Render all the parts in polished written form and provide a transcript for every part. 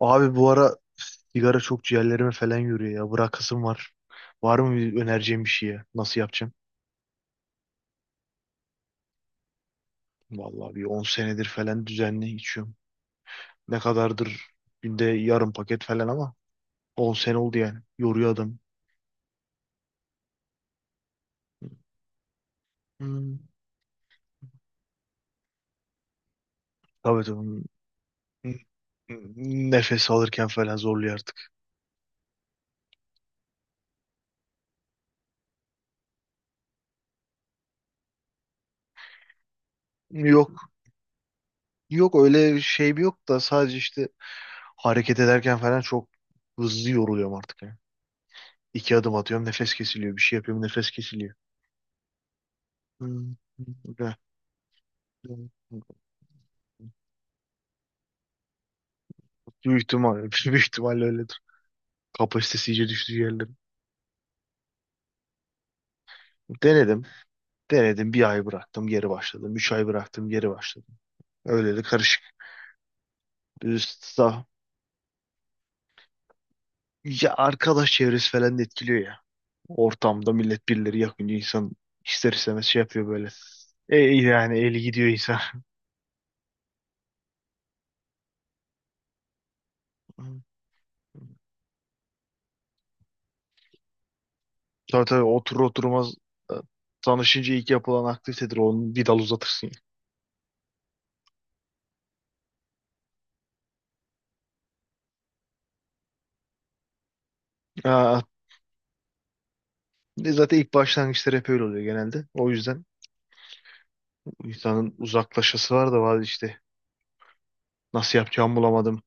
Abi bu ara sigara çok ciğerlerime falan yürüyor ya. Bırakasım var. Var mı bir önereceğim bir şeye? Nasıl yapacağım? Vallahi bir 10 senedir falan düzenli içiyorum. Ne kadardır? Günde yarım paket falan ama 10 sene oldu yani. Yoruyor adam. Hmm. Tabii tabii. Nefes alırken falan zorluyor artık. Yok. Yok öyle şey bir yok da sadece işte hareket ederken falan çok hızlı yoruluyorum artık ya. İki adım atıyorum, nefes kesiliyor. Bir şey yapıyorum, nefes kesiliyor. Hmm. Öyle. Büyük ihtimal, büyük ihtimalle öyledir. Kapasitesi iyice düştüğü yerlerin. Denedim. Denedim. Bir ay bıraktım. Geri başladım. Üç ay bıraktım. Geri başladım. Öyle de karışık. Üst- Ya, arkadaş çevresi falan da etkiliyor ya. Ortamda millet birileri yakınca insan ister istemez şey yapıyor böyle. Yani eli gidiyor insan. Tabii tabii, oturur oturmaz e, tanışınca ilk yapılan aktivitedir. Onu bir dal uzatırsın. Ya. Zaten ilk başlangıçlar hep öyle oluyor genelde. O yüzden insanın uzaklaşası var da var işte. Nasıl yapacağımı bulamadım.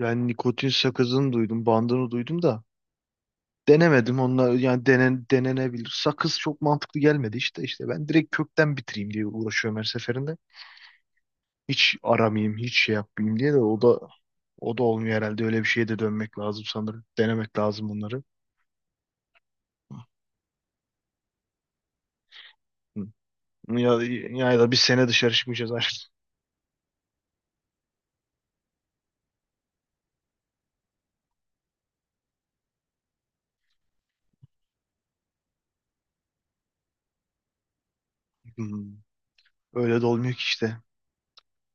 Ben nikotin sakızını duydum, bandını duydum da denemedim. Onlar yani denenebilir. Sakız çok mantıklı gelmedi işte. İşte ben direkt kökten bitireyim diye uğraşıyorum her seferinde. Hiç aramayayım, hiç şey yapmayayım diye de o da olmuyor herhalde. Öyle bir şeye de dönmek lazım sanırım. Denemek lazım bunları. Hı. Ya, ya da bir sene dışarı çıkmayacağız artık. Hı. Öyle de olmuyor ki işte.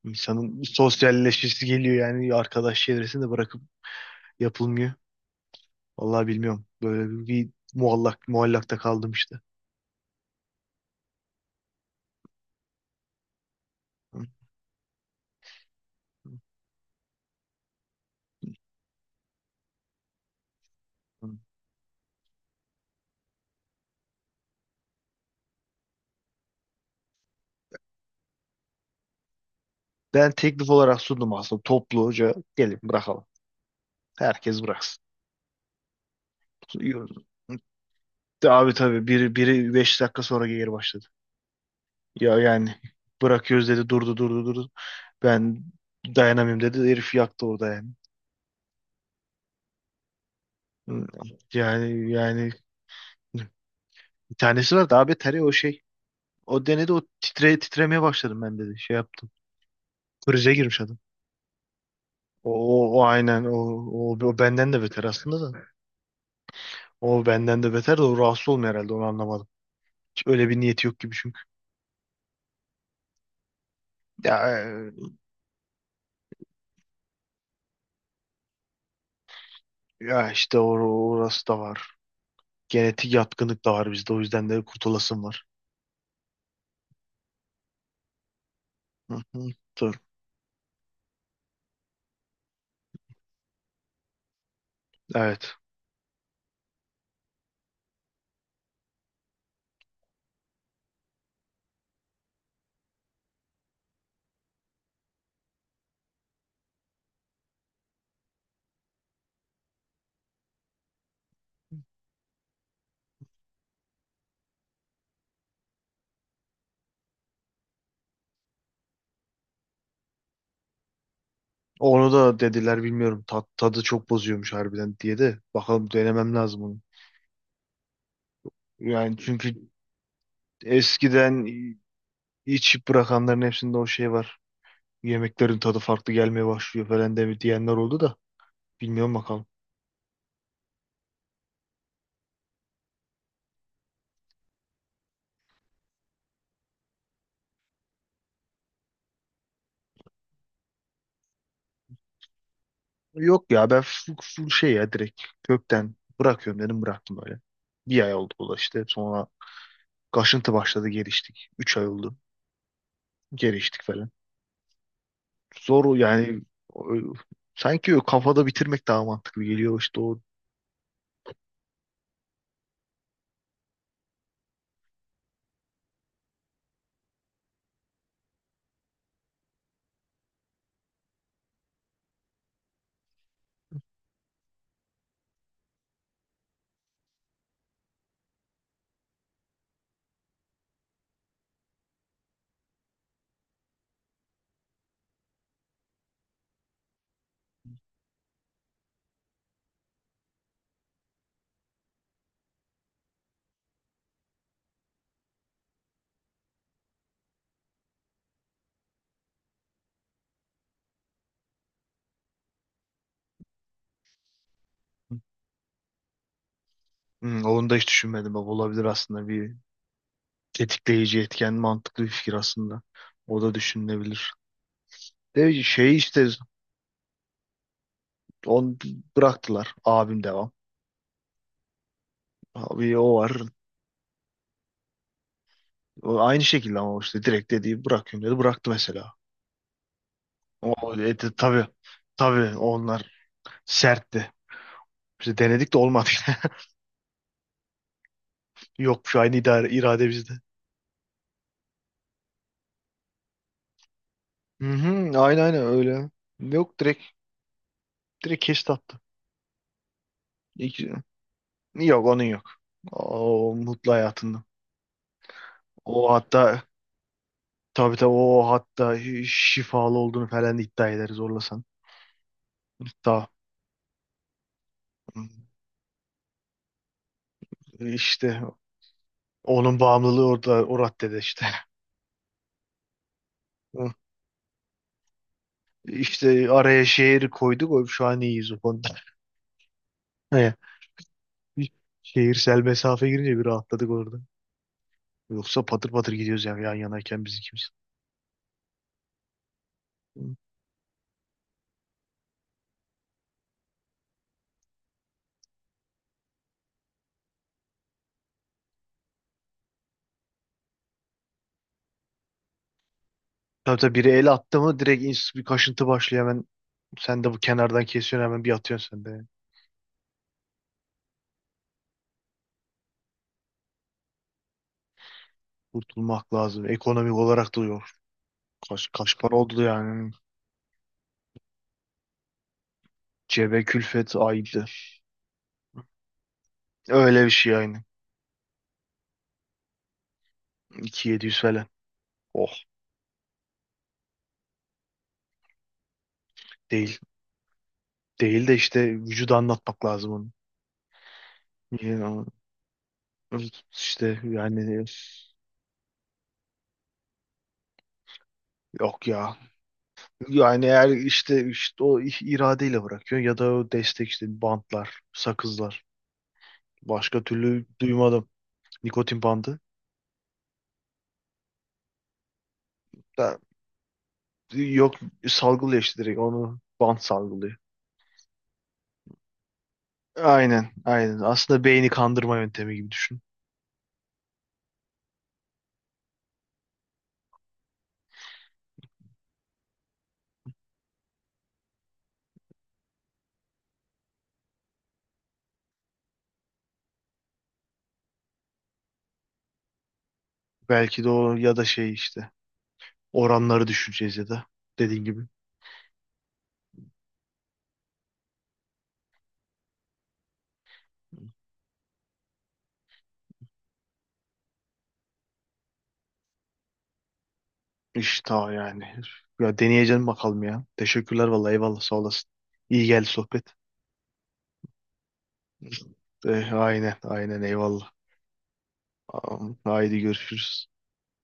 İnsanın sosyalleşmesi geliyor, yani arkadaş çevresini de bırakıp yapılmıyor. Vallahi bilmiyorum. Muallak muallakta kaldım işte. Hı, hı, hı. Ben teklif olarak sundum aslında, topluca gelin bırakalım. Herkes bıraksın. Abi tabii biri 5 dakika sonra geri başladı. Ya yani bırakıyoruz dedi, durdu durdu durdu. Ben dayanamıyorum dedi, herif yaktı orada yani. Yani, bir tanesi var daha beteri, o şey. O denedi, o titremeye başladım ben dedi. Şey yaptım. Krize girmiş adam. O aynen o benden de beter aslında da. O benden de beter de, o rahatsız olmuyor herhalde, onu anlamadım. Hiç öyle bir niyeti yok gibi çünkü. Ya, ya işte orası da var. Genetik yatkınlık da var bizde, o yüzden de kurtulasım var. Hı hı. Dur. Evet. Onu da dediler, bilmiyorum. Tadı çok bozuyormuş harbiden diye de. Bakalım, denemem lazım onu. Yani çünkü eskiden içip bırakanların hepsinde o şey var. Yemeklerin tadı farklı gelmeye başlıyor falan de diyenler oldu da, bilmiyorum bakalım. Yok ya, ben full şey ya, direkt kökten bırakıyorum dedim, bıraktım böyle. Bir ay oldu bu da işte, sonra kaşıntı başladı, geliştik. Üç ay oldu, geliştik falan. Zor o yani. o- Sanki o kafada bitirmek daha mantıklı geliyor işte, o. Onu da hiç düşünmedim bak, olabilir aslında bir tetikleyici etken, mantıklı bir fikir aslında. O da düşünülebilir. De şey işte, on bıraktılar, abim devam. Abi o var. O aynı şekilde, ama işte direkt dediği bırakıyorum dedi. Bıraktı mesela. O dedi tabii. Tabii onlar sertti. Biz denedik de olmadı. Yok, şu aynı irade bizde. Hı hı, aynen aynen öyle. Yok, direkt kesti attı. İki- Yok onun yok. O mutlu hayatında. O hatta tabii tabii, o hatta şifalı olduğunu falan iddia eder zorlasan. Hatta işte onun bağımlılığı orada, o raddede işte. İşte araya şehir koyduk. Şu an iyiyiz o konuda. He. Bir Şehirsel mesafe girince bir rahatladık orada. Yoksa patır patır gidiyoruz yani, yan yanayken biz ikimiz. Tabii tabii biri el attı mı direkt bir kaşıntı başlıyor hemen. Sen de bu kenardan kesiyorsun hemen, bir atıyorsun sen de. Kurtulmak lazım. Ekonomik olarak da yok. Kaç para oldu yani. Cebe külfet aydı. Öyle bir şey yani. 2.700 falan. Oh, değil. Değil de işte vücuda anlatmak lazım onu. İşte yani yok ya. Yani eğer işte o iradeyle bırakıyor ya da o destek işte, bantlar, sakızlar. Başka türlü duymadım. Nikotin bandı. Da, yok, salgılıyor işte, direkt onu bant salgılıyor. Aynen, aynen. Aslında beyni kandırma yöntemi gibi düşün. Belki de o ya da şey işte, oranları düşüreceğiz ya da dediğin gibi. İşte o yani. Ya, deneyeceğim bakalım ya. Teşekkürler vallahi, eyvallah, sağ olasın. İyi geldi sohbet. Eh, aynen aynen eyvallah. Tamam, haydi görüşürüz.